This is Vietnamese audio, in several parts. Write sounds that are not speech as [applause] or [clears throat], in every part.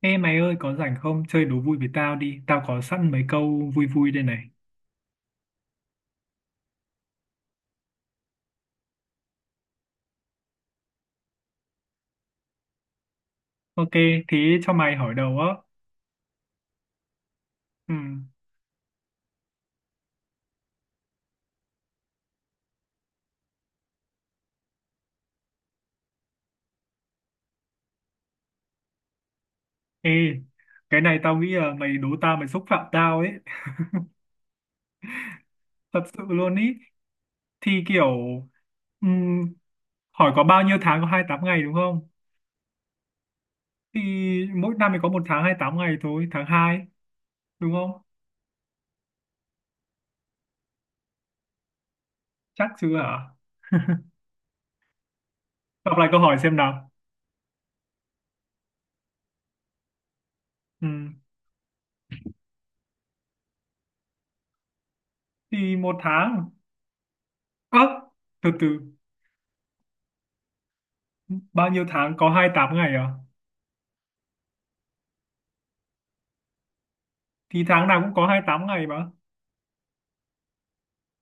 Ê mày ơi có rảnh không? Chơi đố vui với tao đi. Tao có sẵn mấy câu vui vui đây này. Ok, thế cho mày hỏi đầu á. Ừ. Ê, cái này tao nghĩ là mày đố tao mày xúc phạm tao ấy. [laughs] Thật sự luôn ý. Thì kiểu ừm, hỏi có bao nhiêu tháng có 28 ngày đúng không? Thì mỗi năm thì có một tháng 28 ngày thôi, tháng hai đúng không? Chắc chưa hả? [laughs] Đọc lại câu hỏi xem nào. Ừ. Thì một tháng. Ơ, từ từ. Bao nhiêu tháng có 28 ngày à? Thì tháng nào cũng có 28 ngày mà.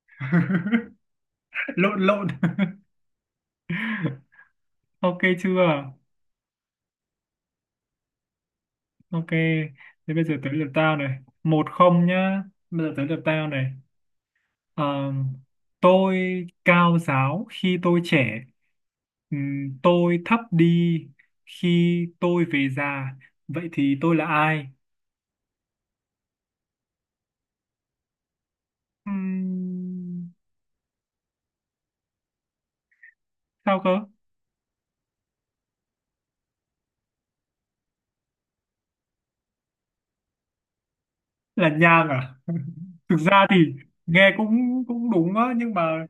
[laughs] Lộn lộn. [laughs] Ok chưa? Ok, thế bây giờ tới lượt tao này một không nhá. Bây giờ tới lượt tao này. Ờ, tôi cao giáo khi tôi trẻ. Tôi thấp đi khi tôi về già, vậy thì tôi là ai? Ừm, sao cơ? Là nhang à? [laughs] Thực ra thì nghe cũng cũng đúng á, nhưng mà,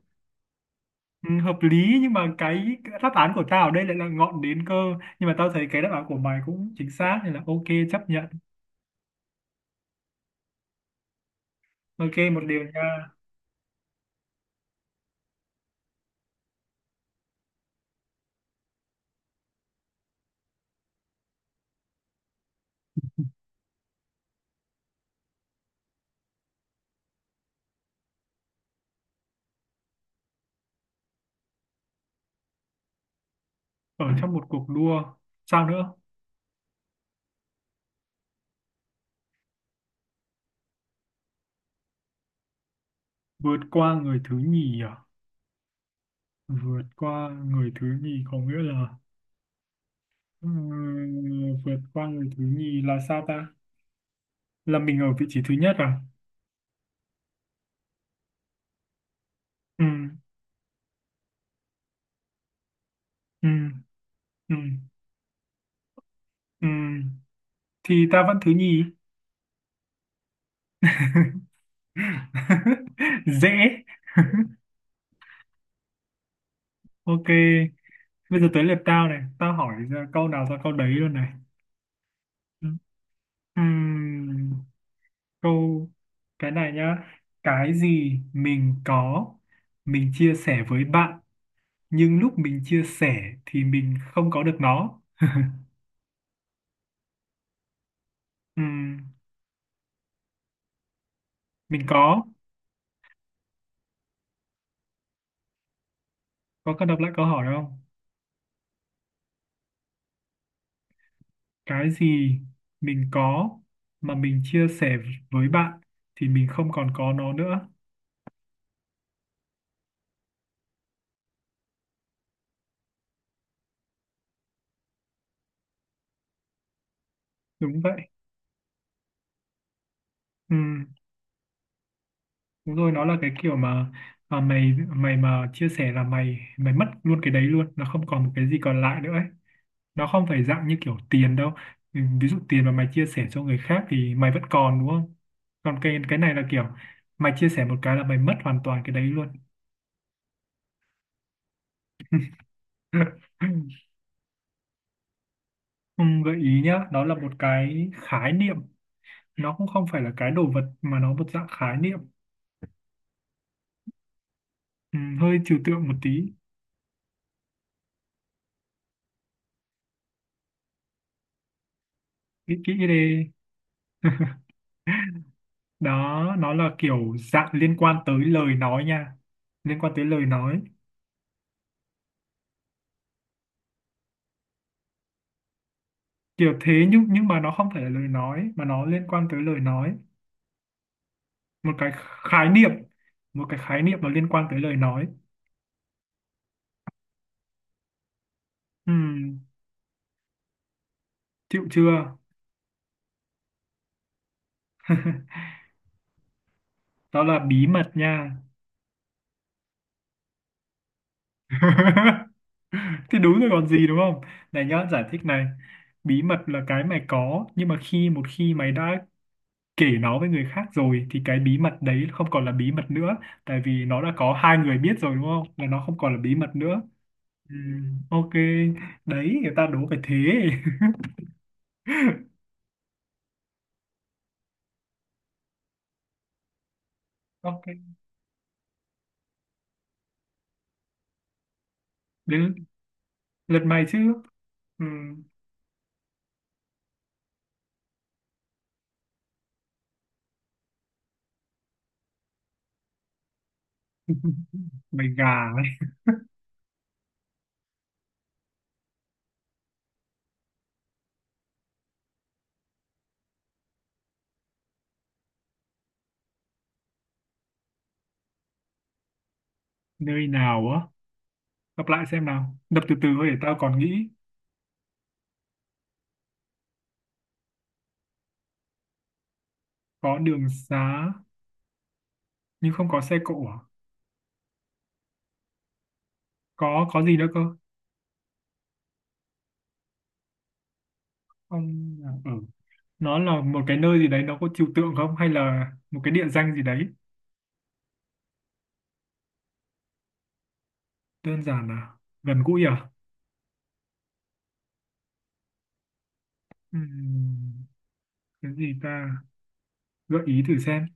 ừ, hợp lý. Nhưng mà cái đáp án của tao ở đây lại là ngọn đến cơ, nhưng mà tao thấy cái đáp án của mày cũng chính xác nên là ok, chấp nhận. Ok một điều nha. Ở trong một cuộc đua. Sao nữa? Vượt qua người thứ nhì à? Vượt qua người thứ nhì có nghĩa là, vượt qua người thứ nhì là sao ta? Là mình ở vị trí thứ nhất à? Ừ. Ừ. Ừ. Ừ. Thì ta vẫn thứ nhì. [laughs] Dễ. Ok, bây giờ tới lượt tao này, tao hỏi ra câu nào ra câu đấy luôn này. Ừ. Ừm, câu cái này nhá. Cái gì mình có, mình chia sẻ với bạn, nhưng lúc mình chia sẻ thì mình không có được nó. Ừm, mình có, có cần đọc lại câu hỏi không? Cái gì mình có mà mình chia sẻ với bạn thì mình không còn có nó nữa. Đúng vậy. Ừ. Đúng rồi, nó là cái kiểu mà mày mày mà chia sẻ là mày mày mất luôn cái đấy luôn, nó không còn một cái gì còn lại nữa ấy. Nó không phải dạng như kiểu tiền đâu. Ừ, ví dụ tiền mà mày chia sẻ cho người khác thì mày vẫn còn đúng không? Còn cái này là kiểu mày chia sẻ một cái là mày mất hoàn toàn cái đấy luôn. [laughs] Ừ, gợi ý nhá, đó là một cái khái niệm, nó cũng không phải là cái đồ vật mà nó một dạng khái niệm, ừ, hơi trừu tượng một tí. Nghĩ kỹ đi. Đó nó là kiểu dạng liên quan tới lời nói nha, liên quan tới lời nói. Kiểu thế, nhưng mà nó không phải là lời nói mà nó liên quan tới lời nói. Một cái khái niệm, một cái khái niệm mà liên quan tới lời nói. Ừm, Chịu chưa? [laughs] Đó là bí mật nha. [laughs] Thì đúng rồi còn gì đúng không? Này nhá, giải thích này. Bí mật là cái mày có, nhưng mà một khi mày đã kể nó với người khác rồi thì cái bí mật đấy không còn là bí mật nữa, tại vì nó đã có hai người biết rồi đúng không, là nó không còn là bí mật nữa. Ừ, ok, đấy người ta đố phải thế. [laughs] Ok, đến lượt mày chứ. Ừ. [laughs] Mày gà ấy. Nơi nào á? Gặp lại xem nào, đập từ từ thôi để tao còn nghĩ. Có đường xá nhưng không có xe cộ à? Có gì nữa cơ? Không. Ừ. Nó là một cái nơi gì đấy, nó có trừu tượng không hay là một cái địa danh gì đấy? Đơn giản à? Gần gũi à? Ừm, cái gì ta? Gợi ý thử xem.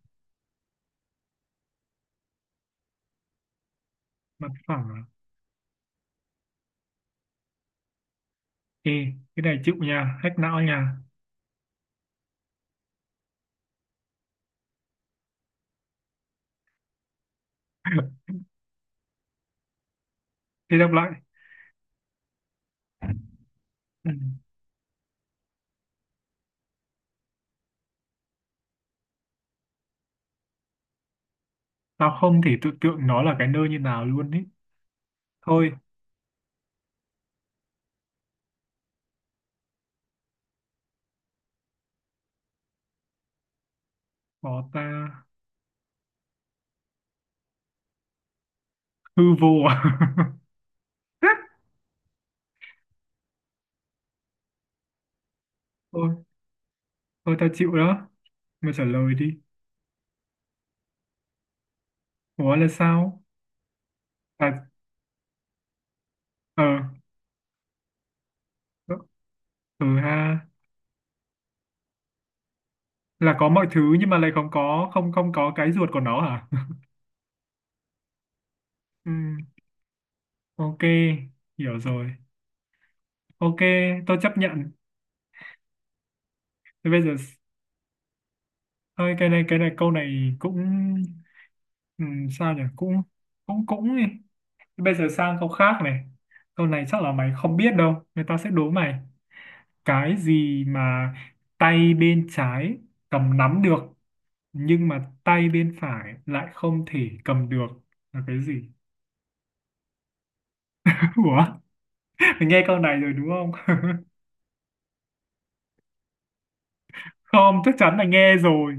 Mặt phẳng à? Ê, cái này chịu nha, hack não nha. [laughs] Thế đọc lại. Ừm, Tao không thể tưởng tượng nó là cái nơi như nào luôn ý. Thôi. Có ta? Hư vô à? [laughs] Thôi thôi, tao chịu đó, mày trả lời đi. Ủa là sao? À, ờ. Ờ, ừ, ha. Là có mọi thứ nhưng mà lại không có, không không có cái ruột của nó hả? [laughs] Ừm, ok, hiểu rồi. Ok, tôi chấp nhận. Thế bây giờ Thôi cái này câu này cũng, sao nhỉ, cũng cũng cũng đi. Bây giờ sang câu khác này, câu này chắc là mày không biết đâu, người ta sẽ đố mày cái gì mà tay bên trái cầm nắm được nhưng mà tay bên phải lại không thể cầm được là cái gì. [laughs] Ủa, mày nghe câu này rồi đúng không? [laughs] Không, chắc chắn là nghe rồi.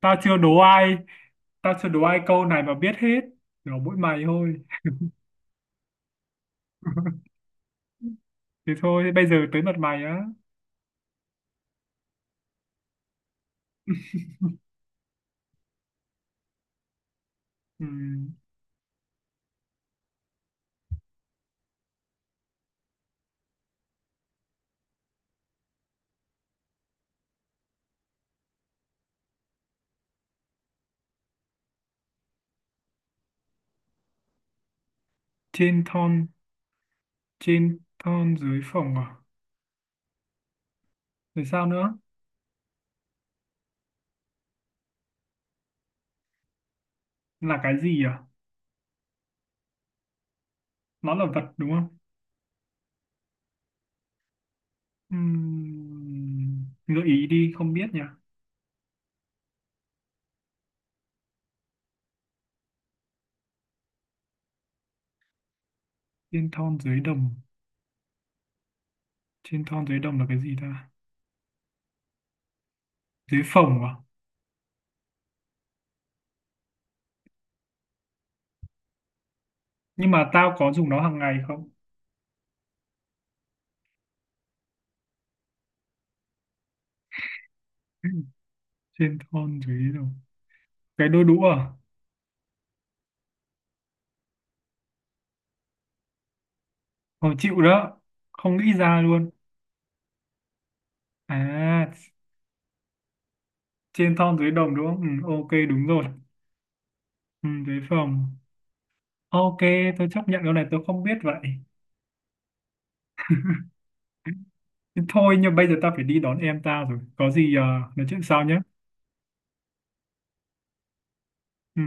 tao chưa đố ai Tao chưa đố ai câu này mà biết hết. Đố mỗi mày thôi. Thế thôi, bây giờ tới mặt mày á. Ừm, trên thon, trên thon dưới phồng à? Rồi sao nữa? Là cái gì à? Nó là vật đúng không? Gợi ý đi, không biết nhỉ. Trên thon dưới đồng. Trên thon dưới đồng là cái gì ta? Dưới phồng à? Nhưng mà tao có dùng nó hàng ngày không? [clears throat] Trên thon dưới đồng. Cái đôi đũa à? Khó chịu đó. Không nghĩ ra luôn. À, trên thon dưới đồng đúng không? Ừ, ok, đúng rồi. Ừ, dưới phồng. Ok, tôi chấp nhận cái này tôi không biết vậy. Thôi nhưng bây giờ ta phải đi đón em ta rồi. Có gì nói chuyện sau nhé. Ừ.